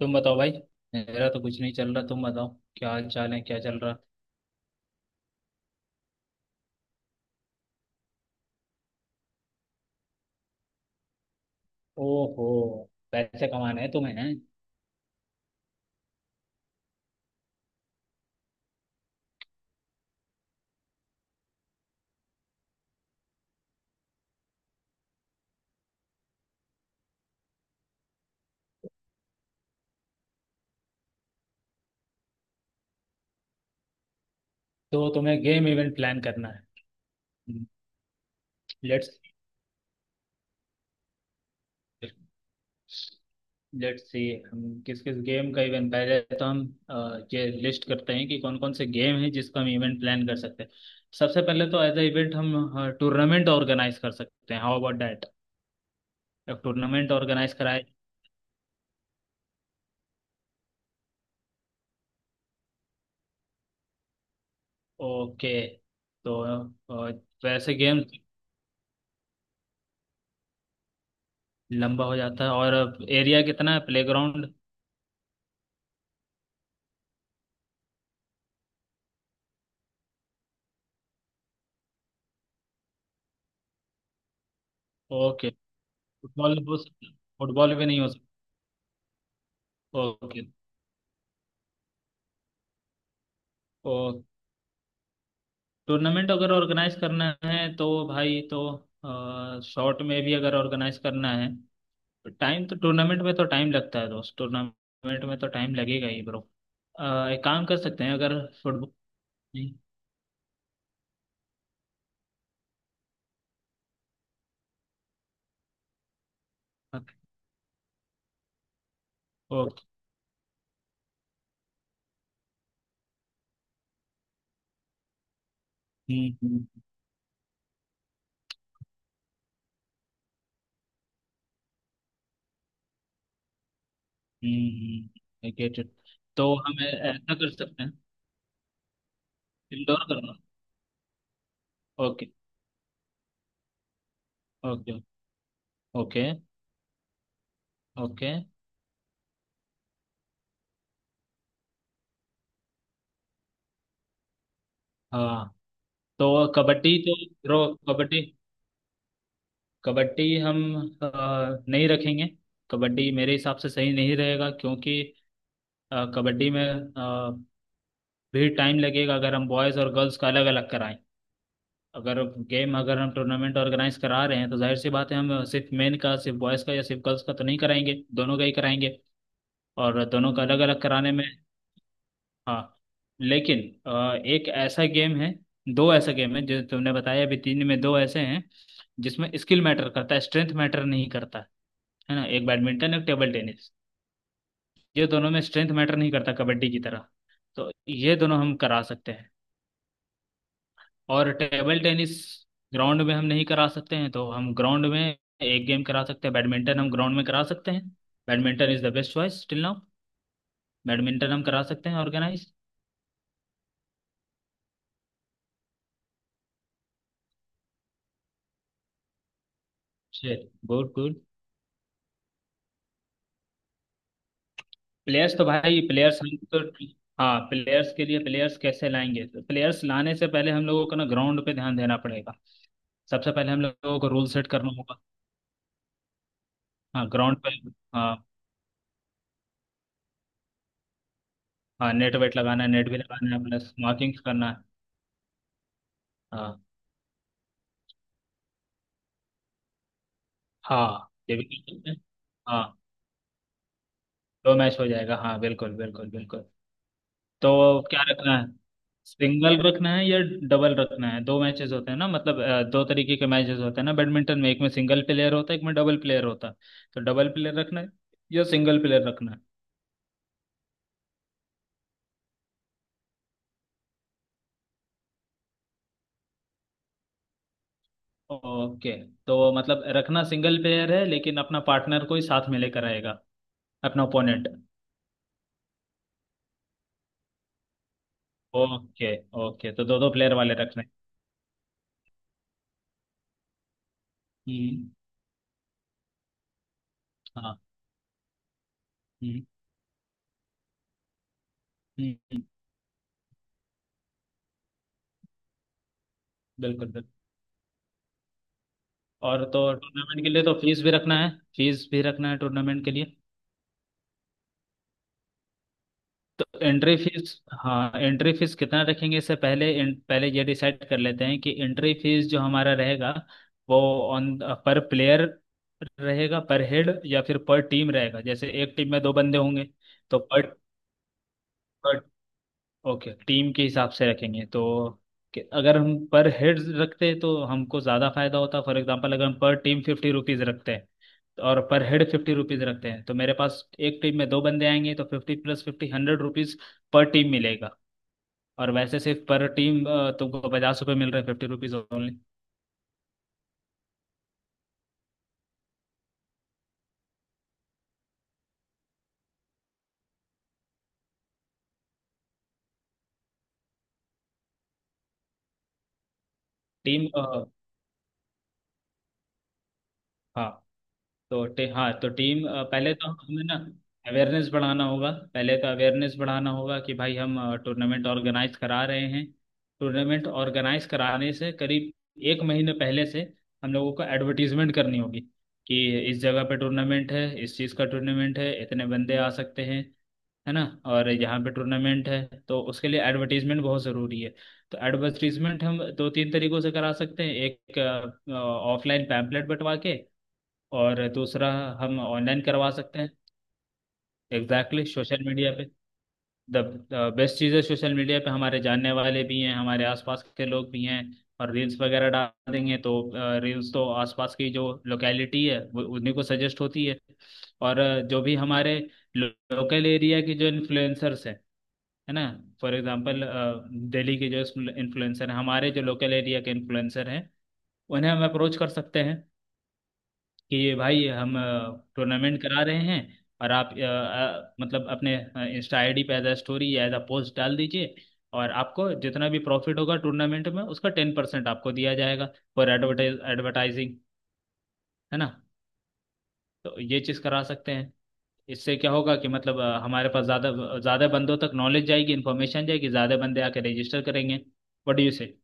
तुम बताओ भाई। मेरा तो कुछ नहीं चल रहा, तुम बताओ। क्या हाल चाल है? क्या चल रहा? ओहो, पैसे कमाने हैं तुम्हें? हैं तो तुम्हें गेम इवेंट प्लान करना है। Let's, let's see. हम किस किस गेम का इवेंट पहले तो हम ये लिस्ट करते हैं कि कौन कौन से गेम हैं जिसका हम इवेंट प्लान कर सकते हैं। सबसे पहले तो एज अ इवेंट हम टूर्नामेंट ऑर्गेनाइज कर सकते हैं। How about that? एक टूर्नामेंट ऑर्गेनाइज कराए। ओके तो अ, वैसे गेम लंबा हो जाता है, और एरिया कितना है, प्लेग्राउंड? ओके, फुटबॉल हो सकता? फुटबॉल भी नहीं हो सकता। ओके। ओ, टूर्नामेंट अगर ऑर्गेनाइज करना है तो भाई, तो शॉर्ट में भी अगर ऑर्गेनाइज करना है तो टाइम तो, टूर्नामेंट में तो टाइम लगता है दोस्त, टूर्नामेंट में तो टाइम लगेगा ही ब्रो। एक काम कर सकते हैं अगर फुटबॉल नहीं। Okay, get it. तो हम ऐसा कर सकते हैं, इंडोर करना। ओके। ओके। ओके। ओके। हाँ। तो कबड्डी तो रो कबड्डी, कबड्डी हम अ, नहीं रखेंगे। कबड्डी मेरे हिसाब से सही नहीं रहेगा क्योंकि कबड्डी में भी टाइम लगेगा अगर हम बॉयज़ और गर्ल्स का अलग अलग कराएं। अगर गेम अगर हम टूर्नामेंट ऑर्गेनाइज करा रहे हैं तो जाहिर सी बात है, हम सिर्फ मेन का, सिर्फ बॉयज़ का या सिर्फ गर्ल्स का तो नहीं कराएंगे, दोनों का ही कराएंगे। और दोनों का अलग अलग कराने में, हाँ, लेकिन एक ऐसा गेम है, दो ऐसा गेम है जो तुमने बताया अभी, तीन में दो ऐसे हैं जिसमें स्किल मैटर करता है, स्ट्रेंथ मैटर नहीं करता, है ना? एक बैडमिंटन, एक टेबल टेनिस। ये दोनों में स्ट्रेंथ मैटर नहीं करता कबड्डी की तरह। तो ये दोनों हम करा सकते हैं। और टेबल टेनिस ग्राउंड में हम नहीं करा सकते हैं, तो हम ग्राउंड में एक गेम करा सकते हैं, बैडमिंटन हम ग्राउंड में करा सकते हैं। Badminton is the best choice till now. Badminton हम करा सकते हैं ऑर्गेनाइज। Good, good. प्लेयर्स तो भाई, प्लेयर्स हम तो, हाँ, प्लेयर्स के लिए प्लेयर्स कैसे लाएंगे? तो प्लेयर्स लाने से पहले हम लोगों को ना ग्राउंड पे ध्यान देना पड़ेगा। सबसे पहले हम लोगों को रूल सेट करना होगा। हाँ, ग्राउंड पे। हाँ। हाँ, नेट वेट लगाना है, नेट भी लगाना है, प्लस मार्किंग करना है। हाँ। हाँ, ये भी कर सकते हैं। हाँ, दो मैच हो जाएगा, हाँ, बिल्कुल बिल्कुल बिल्कुल। तो क्या रखना है, सिंगल रखना है या डबल रखना है? दो मैचेस होते हैं ना, मतलब दो तरीके के मैचेस होते हैं ना बैडमिंटन में, एक में सिंगल प्लेयर होता है, एक में डबल प्लेयर होता है। तो डबल प्लेयर रखना है या सिंगल प्लेयर रखना है? ओके। तो मतलब रखना सिंगल प्लेयर है, लेकिन अपना पार्टनर को ही साथ में लेकर आएगा, अपना ओपोनेंट। ओके। ओके, तो दो दो प्लेयर वाले रखने। हम्म। हाँ। हम्म। हम्म। बिल्कुल बिल्कुल। और तो टूर्नामेंट के लिए तो फीस भी रखना है। फीस भी रखना है टूर्नामेंट के लिए। तो एंट्री फीस, हाँ, एंट्री फीस कितना रखेंगे, इससे पहले पहले ये डिसाइड कर लेते हैं कि एंट्री फीस जो हमारा रहेगा, वो ऑन पर प्लेयर रहेगा, पर हेड, या फिर पर टीम रहेगा, जैसे एक टीम में दो बंदे होंगे। तो पर ओके, टीम के हिसाब से रखेंगे तो, कि अगर हम पर हेड रखते तो हमको ज़्यादा फायदा होता। फॉर एग्जांपल, अगर हम पर टीम ₹50 रखते हैं और पर हेड ₹50 रखते हैं, तो मेरे पास एक टीम में दो बंदे आएंगे, तो 50 + 50 ₹100 पर टीम मिलेगा। और वैसे सिर्फ पर टीम तुमको ₹50 मिल रहे हैं, ₹50 ओनली। टीम, हाँ तो हाँ तो टीम पहले तो हमें ना अवेयरनेस बढ़ाना होगा, पहले तो अवेयरनेस बढ़ाना होगा कि भाई हम टूर्नामेंट ऑर्गेनाइज करा रहे हैं। टूर्नामेंट ऑर्गेनाइज कराने से करीब 1 महीने पहले से हम लोगों को एडवर्टीजमेंट करनी होगी, कि इस जगह पे टूर्नामेंट है, इस चीज़ का टूर्नामेंट है, इतने बंदे आ सकते हैं, है ना, और यहाँ पे टूर्नामेंट है। तो उसके लिए एडवर्टीजमेंट बहुत ज़रूरी है। तो एडवर्टीजमेंट हम दो तीन तरीकों से करा सकते हैं। एक, ऑफलाइन पैम्पलेट बंटवा के, और दूसरा, हम ऑनलाइन करवा सकते हैं। एग्जैक्टली, सोशल मीडिया पे द बेस्ट चीज़ है। सोशल मीडिया पे हमारे जानने वाले भी हैं, हमारे आसपास के लोग भी हैं, और रील्स वगैरह डाल देंगे तो रील्स तो आसपास की जो लोकेलिटी है वो उन्हीं को सजेस्ट होती है। और जो भी हमारे लोकल एरिया के जो इन्फ्लुएंसर्स हैं, है ना, फॉर एग्जांपल दिल्ली के जो इन्फ्लुएंसर हैं, हमारे जो लोकल एरिया के इन्फ्लुएंसर हैं, उन्हें हम अप्रोच कर सकते हैं, कि भाई हम टूर्नामेंट करा रहे हैं, और आप मतलब अपने इंस्टा आईडी पे as a story, as a post डाल दीजिए, और आपको जितना भी प्रॉफिट होगा टूर्नामेंट में उसका 10% आपको दिया जाएगा, फॉर एडवर्टाइज, एडवर्टाइजिंग, है ना। तो ये चीज़ करा सकते हैं। इससे क्या होगा कि मतलब हमारे पास ज़्यादा ज़्यादा बंदों तक नॉलेज जाएगी, इन्फॉर्मेशन जाएगी, ज़्यादा बंदे आके रजिस्टर करेंगे। What do you say?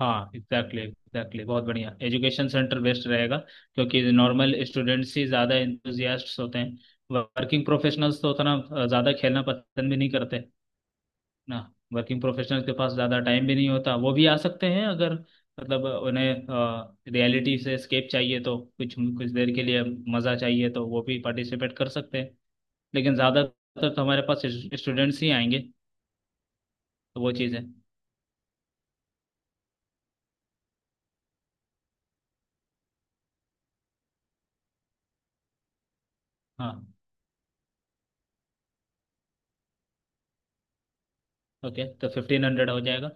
हाँ, एग्जैक्टली एग्जैक्टली, बहुत बढ़िया, एजुकेशन सेंटर बेस्ट रहेगा क्योंकि नॉर्मल स्टूडेंट्स ही ज़्यादा इंथुजियास्ट्स होते हैं। वर्किंग प्रोफेशनल्स तो उतना ज़्यादा खेलना पसंद भी नहीं करते ना, वर्किंग प्रोफेशनल्स के पास ज़्यादा टाइम भी नहीं होता। वो भी आ सकते हैं अगर, मतलब उन्हें रियलिटी से स्केप चाहिए तो, कुछ कुछ देर के लिए मज़ा चाहिए तो, वो भी पार्टिसिपेट कर सकते हैं। लेकिन ज़्यादातर तो हमारे पास स्टूडेंट्स ही आएंगे, तो वो चीज़ है। हाँ। ओके, तो 1500 हो जाएगा।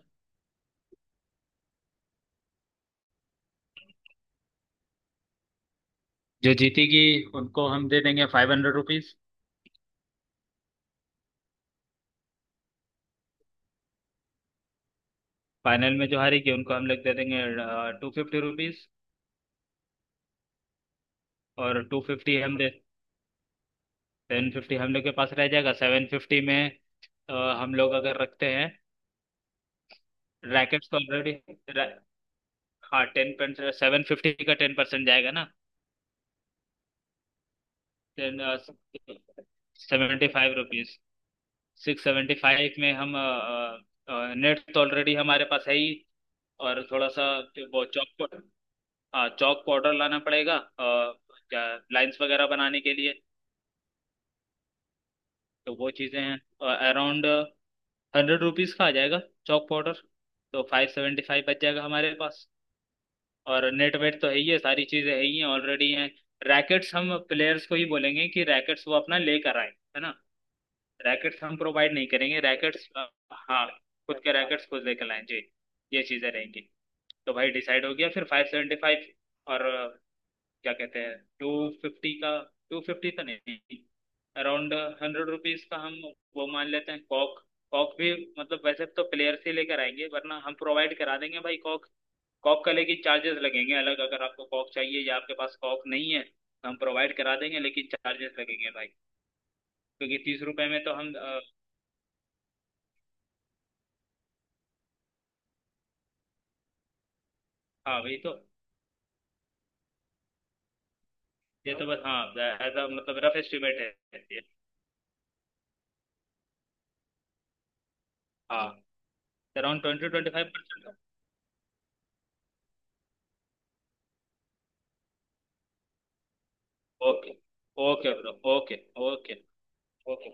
जो जीतेगी, उनको हम दे देंगे ₹500। फाइनल में जो हारेगी, उनको हम लोग दे देंगे ₹250। और 250 हम दे, 750 हम लोग के पास रह जाएगा। 750 में अ, हम लोग अगर रखते हैं, रैकेट्स तो ऑलरेडी, हाँ, 10%, 750 का 10% जाएगा ना। ₹75। 675 में हम नेट तो ऑलरेडी हमारे पास है ही, और थोड़ा सा वो चौक, हाँ, चौक पाउडर लाना पड़ेगा और क्या, लाइंस वगैरह बनाने के लिए। तो वो चीज़ें हैं अराउंड ₹100 का आ जाएगा चौक पाउडर। तो 575 बच जाएगा हमारे पास। और नेट वेट तो है ही है, सारी चीज़ें है ही हैं, ऑलरेडी हैं। रैकेट्स हम प्लेयर्स को ही बोलेंगे कि रैकेट्स वो अपना लेकर आए, है ना। रैकेट्स हम प्रोवाइड नहीं करेंगे रैकेट्स, हाँ। खुद के अच्छा रैकेट्स खुद लेकर लाएं जी, ये चीज़ें रहेंगी। तो भाई डिसाइड हो गया फिर, 575। और क्या कहते हैं 250 का, 250 तो नहीं, अराउंड ₹100 का हम वो मान लेते हैं कॉक। कॉक भी मतलब वैसे तो प्लेयर से लेकर आएंगे, वरना हम प्रोवाइड करा देंगे भाई कॉक। कॉक का लेकिन चार्जेस लगेंगे अलग, अगर आपको कॉक चाहिए या आपके पास कॉक नहीं है तो हम प्रोवाइड करा देंगे लेकिन चार्जेस लगेंगे भाई। क्योंकि ₹30 में तो हम हाँ वही तो, ये तो बस, हाँ, एज अ मतलब रफ एस्टिमेट है ये। हाँ around 20-25%। Okay. Okay bro, okay. Okay. Okay